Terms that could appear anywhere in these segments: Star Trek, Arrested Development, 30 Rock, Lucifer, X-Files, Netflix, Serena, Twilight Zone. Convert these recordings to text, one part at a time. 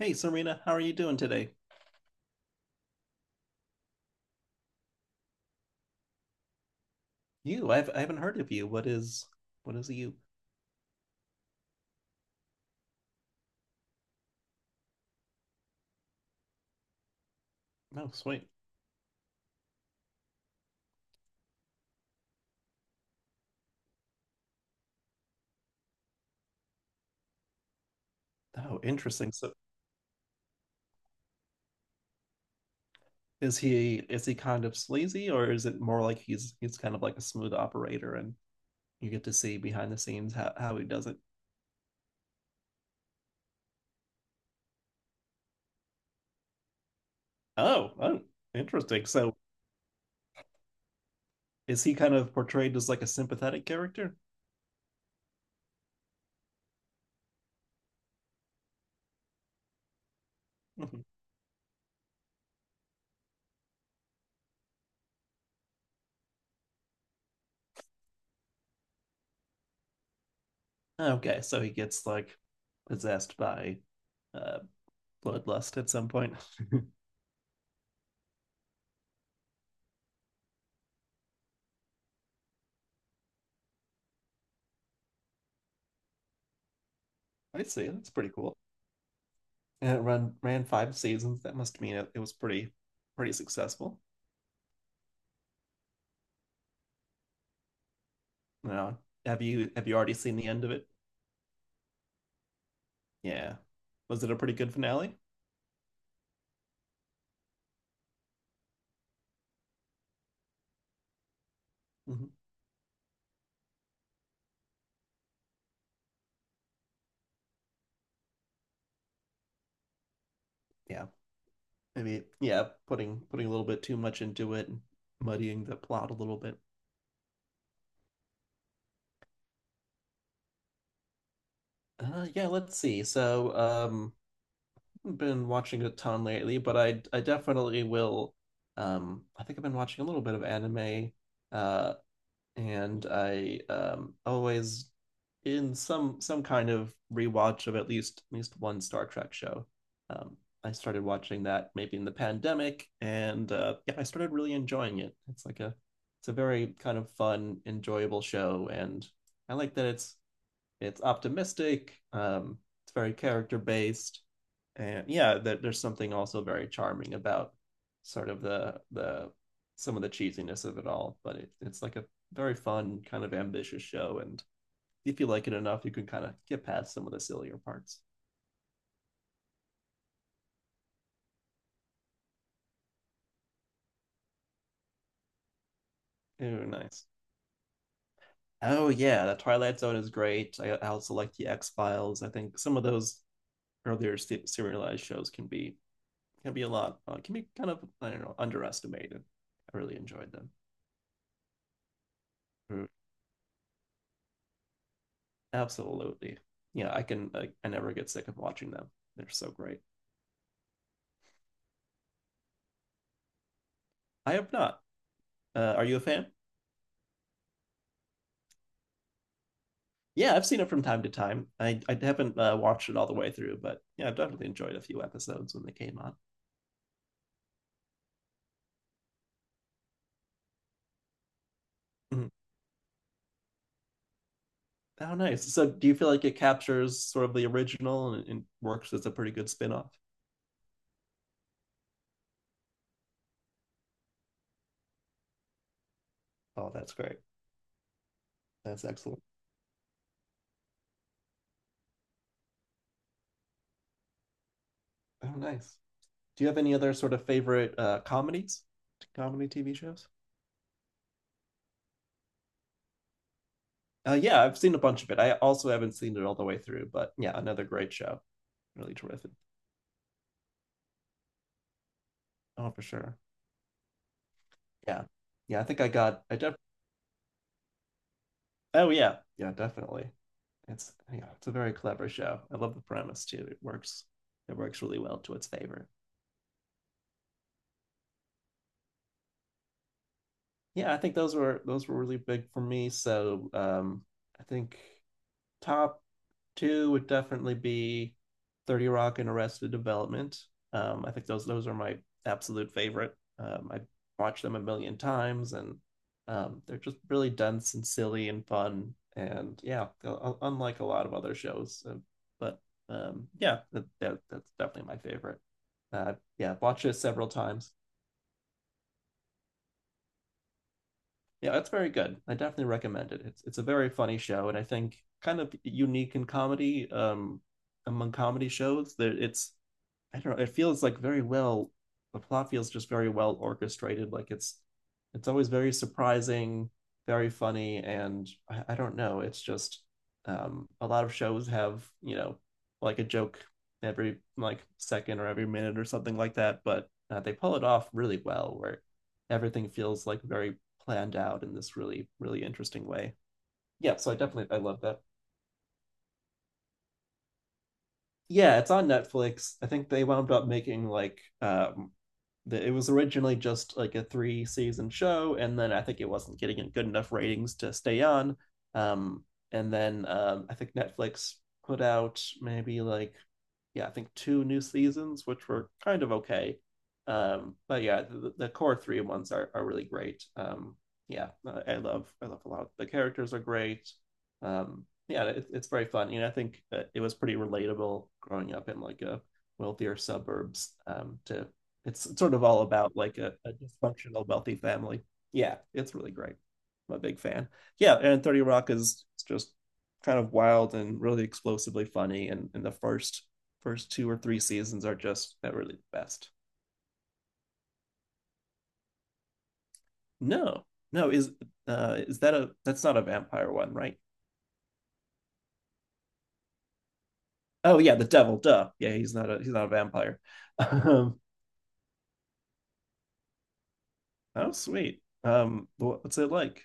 Hey Serena, how are you doing today? You, I haven't heard of you. What is you? Oh, sweet. Oh, interesting. So is he kind of sleazy or is it more like he's kind of like a smooth operator and you get to see behind the scenes how he does it? Oh, oh, interesting. So is he kind of portrayed as like a sympathetic character? Mhm. Okay, so he gets like possessed by uh bloodlust at some point. I see. That's pretty cool. And it run ran five seasons. That must mean it was pretty successful. Now, have you already seen the end of it? Yeah. Was it a pretty good finale? Hmm. Yeah. Maybe, yeah, putting a little bit too much into it, and muddying the plot a little bit. Yeah, let's see. So, I've been watching a ton lately, but I definitely will. I think I've been watching a little bit of anime. Uh, and I always in some kind of rewatch of at least one Star Trek show. Um, I started watching that maybe in the pandemic, and yeah, I started really enjoying it. It's a very kind of fun, enjoyable show, and I like that it's optimistic, it's very character based, and yeah, there's something also very charming about sort of the some of the cheesiness of it all, but it's like a very fun kind of ambitious show, and if you like it enough you can kind of get past some of the sillier parts. Ooh, nice. Oh yeah, the Twilight Zone is great. I also like the x files I think some of those earlier serialized shows can be a lot, can be kind of, I don't know, underestimated. I really enjoyed them. Ooh. Absolutely. Yeah, I can. I never get sick of watching them. They're so great. I have not. Are you a fan? Yeah, I've seen it from time to time. I haven't watched it all the way through, but yeah, I've definitely enjoyed a few episodes when they came on. Mhm. Oh, nice. So, do you feel like it captures sort of the original, and works as a pretty good spin-off? Oh, that's great. That's excellent. Oh, nice. Do you have any other sort of favorite comedies, comedy TV shows? Yeah, I've seen a bunch of it. I also haven't seen it all the way through, but yeah, another great show. Really terrific. Oh, for sure. Yeah. Yeah, I think I got I def oh yeah. Yeah, definitely. It's a very clever show. I love the premise too. It works really well to its favor. Yeah, I think those were really big for me. So, I think top two would definitely be 30 Rock and Arrested Development. I think those are my absolute favorite. I watched them a million times, and they're just really dense and silly and fun. And yeah, unlike a lot of other shows, but yeah, that's definitely my favorite. Yeah, I've watched it several times. Yeah, it's very good. I definitely recommend it. It's a very funny show, and I think kind of unique in comedy, among comedy shows. There, it's, I don't know. It feels like very well. The plot feels just very well orchestrated. Like, it's always very surprising, very funny, and I don't know. It's just, a lot of shows have, like a joke every like second or every minute or something like that, but they pull it off really well, where everything feels like very planned out in this really interesting way. Yeah, so I love that. Yeah, it's on Netflix. I think they wound up making like, that it was originally just like a three season show, and then I think it wasn't getting good enough ratings to stay on. Um, and then, I think Netflix put out maybe like, yeah, I think two new seasons, which were kind of okay. But yeah, the core three ones are really great. Yeah, I love a lot. The characters are great. Yeah, it's very fun. You know, I think it was pretty relatable growing up in like a wealthier suburbs, to it's sort of all about like a dysfunctional wealthy family. Yeah, it's really great. I'm a big fan. Yeah, and 30 Rock is just kind of wild and really explosively funny. And the first two or three seasons are just not really the best. No, no, is that a that's not a vampire one, right? Oh yeah, the devil, duh. Yeah, he's not a vampire. Um, oh sweet. What's it like?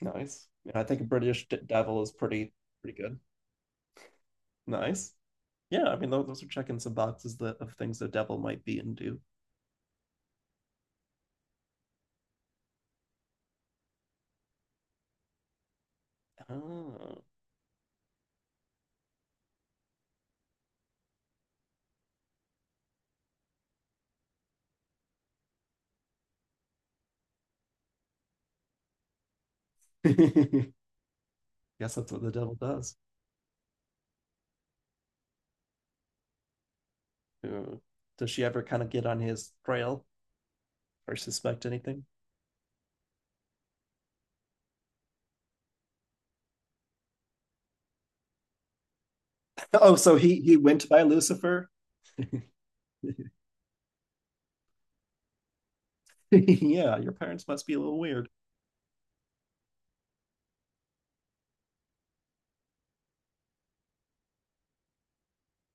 Nice. Yeah, I think a British devil is pretty good. Nice. Yeah, I mean, those are checking some boxes that of things the devil might be and do. Oh, guess that's what the devil does. Uh, Does she ever kind of get on his trail or suspect anything? Oh, so he went by Lucifer? Yeah, your parents must be a little weird.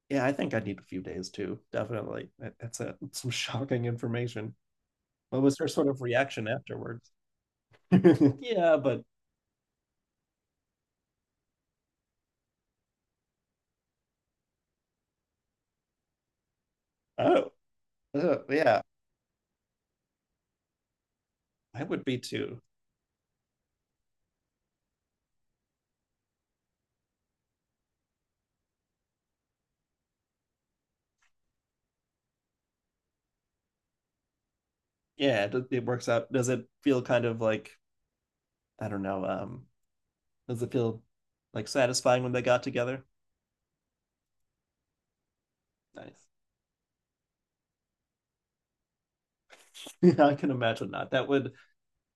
Yeah, I think I need a few days too. Definitely. That's a, some shocking information. What was her sort of reaction afterwards? Yeah, but oh, yeah, I would be too. Yeah, it works out. Does it feel kind of like, I don't know. Does it feel like satisfying when they got together? Nice. Yeah, I can imagine not. That would.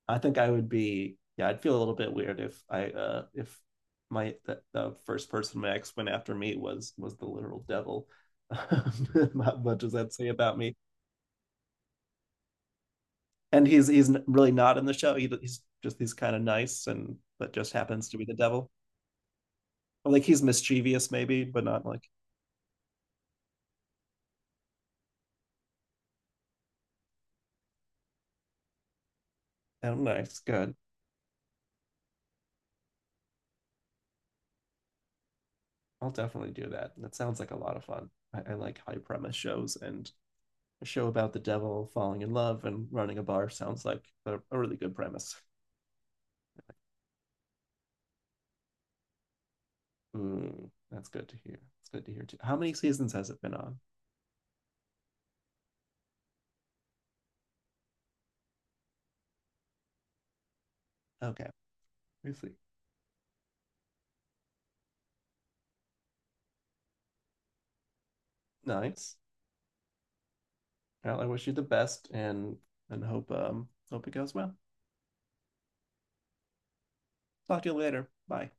I think I would be. Yeah, I'd feel a little bit weird if I if the first person my ex went after me was the literal devil. What does that say about me? And he's really not in the show. He's just he's kind of nice and but just happens to be the devil. Or like he's mischievous maybe, but not like, I don't know. It's good. I'll definitely do that. That sounds like a lot of fun. I like high premise shows, and a show about the devil falling in love and running a bar sounds like a really good premise. Mm, that's good to hear. It's good to hear too. How many seasons has it been on? Okay, we see. Nice. Well, I wish you the best and hope, hope it goes well. Talk to you later. Bye.